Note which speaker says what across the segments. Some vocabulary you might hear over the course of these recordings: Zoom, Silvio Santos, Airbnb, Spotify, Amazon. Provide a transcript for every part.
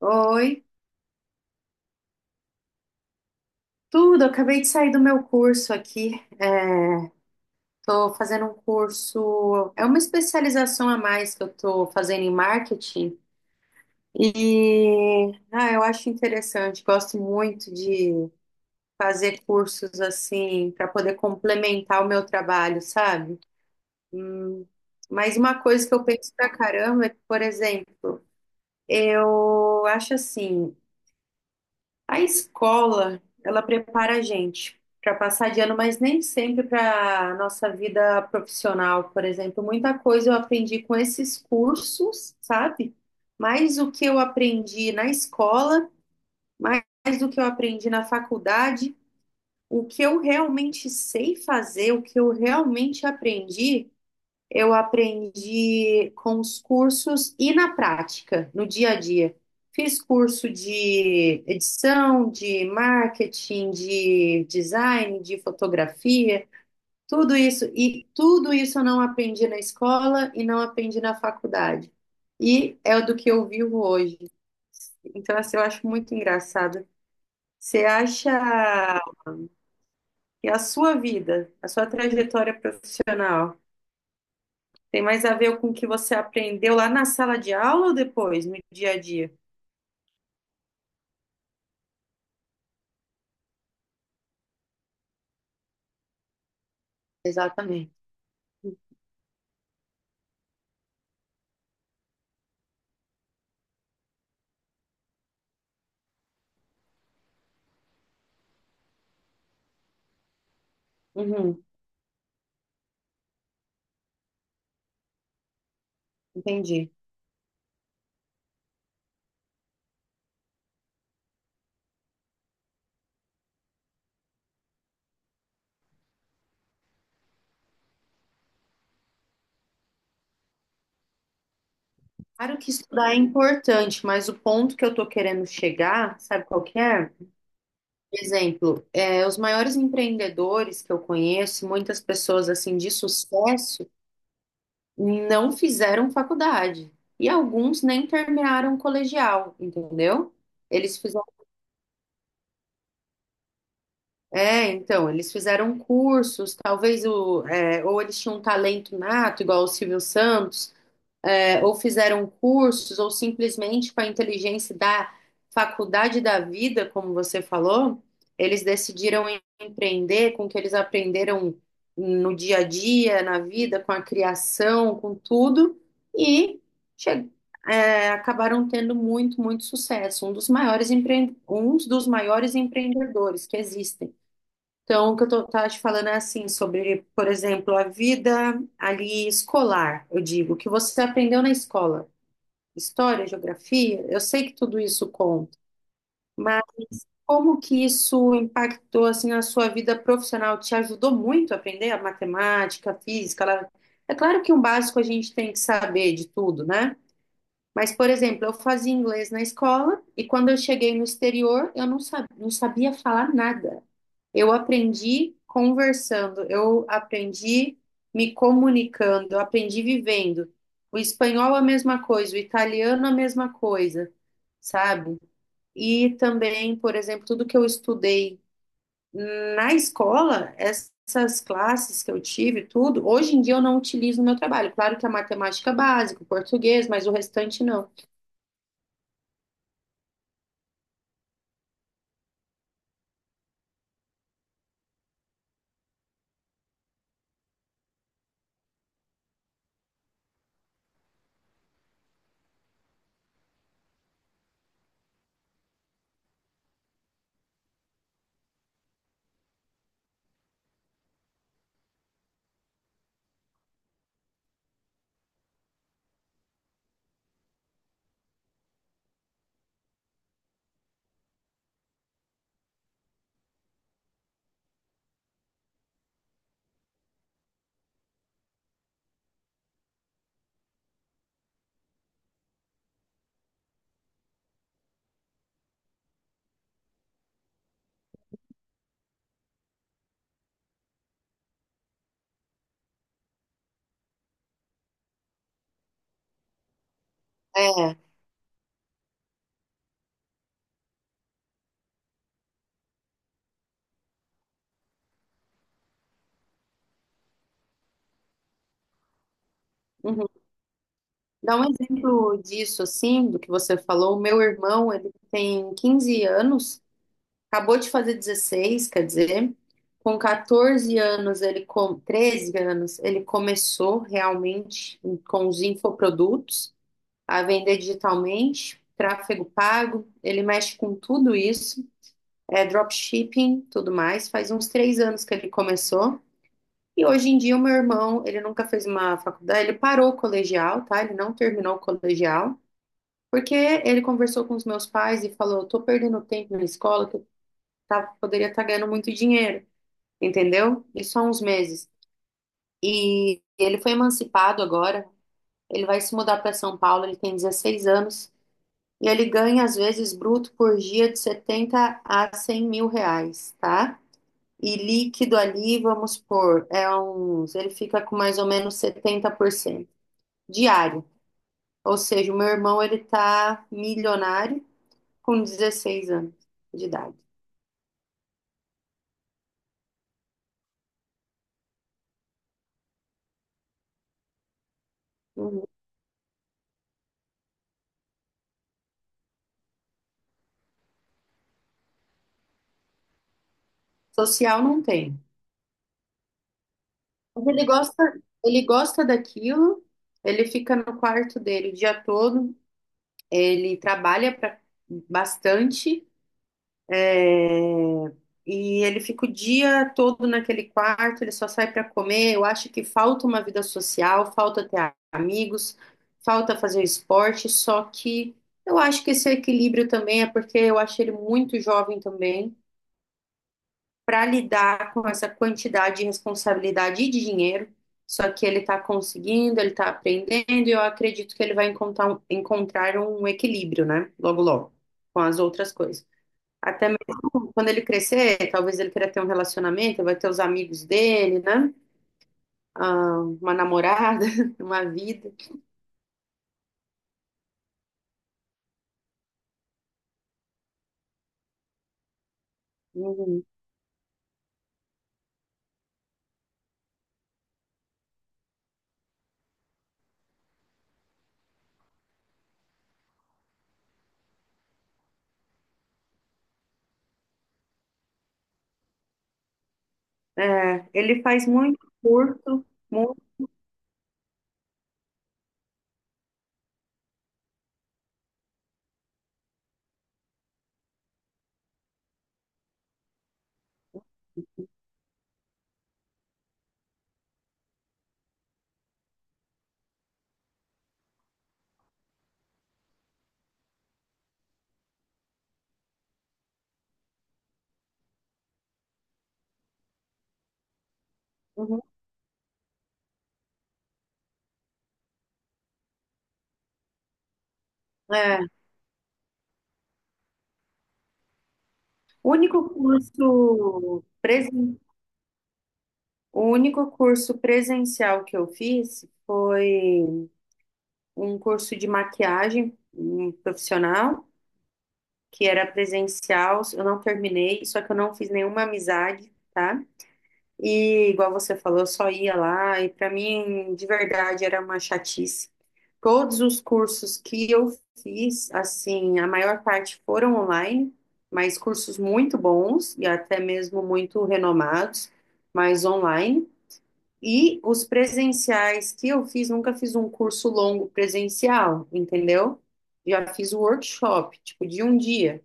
Speaker 1: Oi, tudo. Eu acabei de sair do meu curso aqui. É, tô fazendo um curso, é uma especialização a mais que eu tô fazendo em marketing. E eu acho interessante. Gosto muito de fazer cursos assim para poder complementar o meu trabalho, sabe? Mas uma coisa que eu penso pra caramba é que, por exemplo, eu acho assim. A escola, ela prepara a gente para passar de ano, mas nem sempre para a nossa vida profissional, por exemplo. Muita coisa eu aprendi com esses cursos, sabe? Mais o que eu aprendi na escola, mais do que eu aprendi na faculdade, o que eu realmente sei fazer, o que eu realmente aprendi. Eu aprendi com os cursos e na prática, no dia a dia. Fiz curso de edição, de marketing, de design, de fotografia, tudo isso. E tudo isso eu não aprendi na escola e não aprendi na faculdade. E é do que eu vivo hoje. Então, assim, eu acho muito engraçado. Você acha que a sua vida, a sua trajetória profissional, tem mais a ver com o que você aprendeu lá na sala de aula ou depois, no dia a dia? Exatamente. Uhum, entendi. Claro que estudar é importante, mas o ponto que eu estou querendo chegar, sabe qual que é? Por exemplo, é, os maiores empreendedores que eu conheço, muitas pessoas assim de sucesso, não fizeram faculdade. E alguns nem terminaram o colegial, entendeu? Eles fizeram É, então, eles fizeram cursos, talvez ou eles tinham um talento nato, igual o Silvio Santos, é, ou fizeram cursos, ou simplesmente com a inteligência da faculdade da vida, como você falou, eles decidiram empreender com o que eles aprenderam no dia a dia, na vida, com a criação, com tudo, e che- acabaram tendo muito, muito sucesso. Um dos maiores um dos maiores empreendedores que existem. Então, o que eu tava te falando é assim, sobre, por exemplo, a vida ali escolar, eu digo, o que você aprendeu na escola, história, geografia, eu sei que tudo isso conta, mas como que isso impactou, assim, na sua vida profissional? Te ajudou muito a aprender a matemática, a física? É claro que um básico a gente tem que saber de tudo, né? Mas, por exemplo, eu fazia inglês na escola e quando eu cheguei no exterior, eu não sabia, não sabia falar nada. Eu aprendi conversando, eu aprendi me comunicando, eu aprendi vivendo. O espanhol a mesma coisa, o italiano a mesma coisa, sabe? E também, por exemplo, tudo que eu estudei na escola, essas classes que eu tive, tudo, hoje em dia eu não utilizo no meu trabalho. Claro que a matemática é básica, o português, mas o restante não. É. Uhum. Dá um exemplo disso, assim, do que você falou. O meu irmão, ele tem 15 anos, acabou de fazer 16, quer dizer, com 14 anos, ele com 13 anos, ele começou realmente com os infoprodutos, a vender digitalmente, tráfego pago, ele mexe com tudo isso, é dropshipping, tudo mais. Faz uns 3 anos que ele começou. E hoje em dia o meu irmão, ele nunca fez uma faculdade, ele parou o colegial, tá? Ele não terminou o colegial, porque ele conversou com os meus pais e falou, tô perdendo tempo na escola, que eu tá, poderia estar ganhando muito dinheiro, entendeu? Isso há uns meses. E ele foi emancipado agora, ele vai se mudar para São Paulo, ele tem 16 anos, e ele ganha, às vezes, bruto por dia de 70 a 100 mil reais, tá? E líquido ali, vamos pôr, é uns, ele fica com mais ou menos 70% diário. Ou seja, o meu irmão ele tá milionário com 16 anos de idade. Uhum. Social não tem. Mas ele gosta, ele gosta daquilo, ele fica no quarto dele o dia todo, ele trabalha pra, bastante. É, E ele fica o dia todo naquele quarto, ele só sai para comer. Eu acho que falta uma vida social, falta ter amigos, falta fazer esporte. Só que eu acho que esse equilíbrio também é porque eu acho ele muito jovem também para lidar com essa quantidade de responsabilidade e de dinheiro. Só que ele está conseguindo, ele está aprendendo, e eu acredito que ele vai encontrar um equilíbrio, né? Logo, logo, com as outras coisas. Até mesmo quando ele crescer, talvez ele queira ter um relacionamento, vai ter os amigos dele, né? Ah, uma namorada, uma vida. Uhum. É, ele faz muito curso, muito. Uhum. É, o único curso presen... o único curso presencial que eu fiz foi um curso de maquiagem um profissional, que era presencial. Eu não terminei, só que eu não fiz nenhuma amizade, tá? E igual você falou, eu só ia lá e para mim, de verdade, era uma chatice. Todos os cursos que eu fiz, assim, a maior parte foram online, mas cursos muito bons e até mesmo muito renomados, mas online. E os presenciais que eu fiz, nunca fiz um curso longo presencial, entendeu? Já fiz o workshop, tipo, de um dia,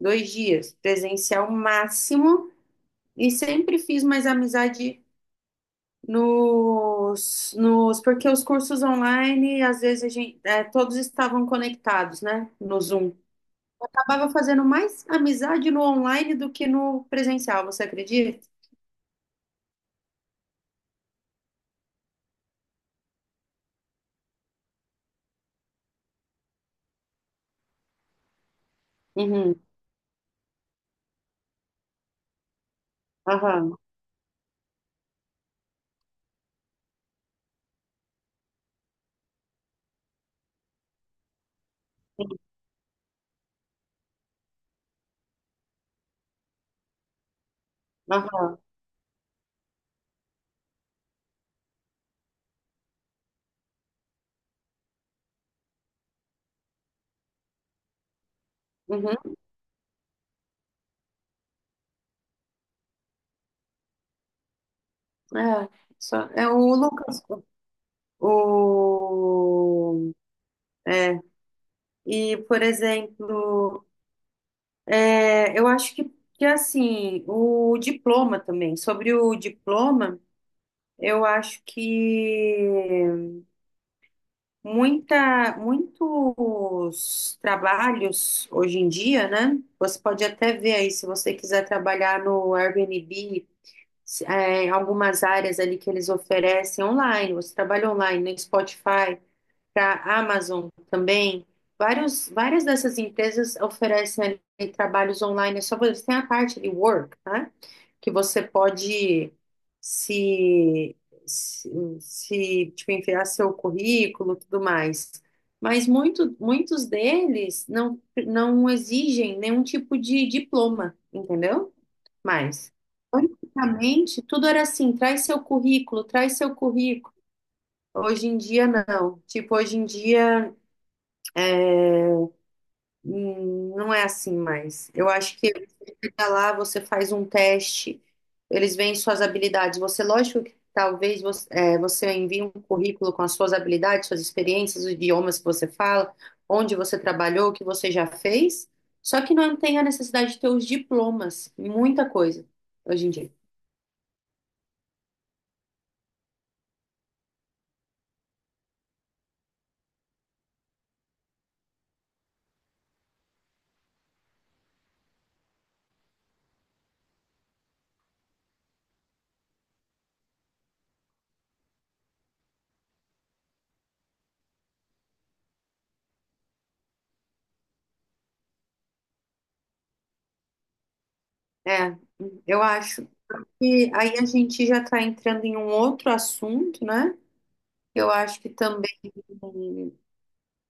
Speaker 1: 2 dias, presencial máximo, e sempre fiz mais amizade porque os cursos online, às vezes a gente, é, todos estavam conectados, né, no Zoom. Acabava fazendo mais amizade no online do que no presencial, você acredita? Uhum, aham, aham, uhum, é, só, é o Lucas, o, é, e, por exemplo, é, eu acho que, assim, o diploma também, sobre o diploma, eu acho que muitos trabalhos hoje em dia, né? Você pode até ver aí, se você quiser trabalhar no Airbnb, algumas áreas ali que eles oferecem online, você trabalha online, no Spotify para a Amazon também. Vários, várias dessas empresas oferecem ali trabalhos online. É só você tem a parte de work, né? Que você pode se, se, se, tipo, enviar seu currículo, e tudo mais. Mas muitos deles não, não exigem nenhum tipo de diploma, entendeu? Mas, antigamente, tudo era assim, traz seu currículo, traz seu currículo. Hoje em dia, não. Tipo, hoje em dia. Não é assim mais. Eu acho que fica lá, você faz um teste, eles veem suas habilidades. Você, lógico que talvez você, é, você envie um currículo com as suas habilidades, suas experiências, os idiomas que você fala, onde você trabalhou, o que você já fez. Só que não tem a necessidade de ter os diplomas, muita coisa hoje em dia. É, eu acho que aí a gente já está entrando em um outro assunto, né? Eu acho que também.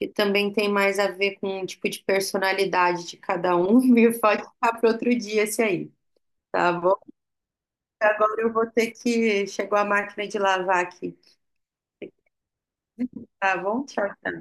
Speaker 1: que também tem mais a ver com o tipo de personalidade de cada um, e pode ficar para outro dia esse aí, tá bom? Agora eu vou ter que. Chegou a máquina de lavar aqui, tá bom? Tchau.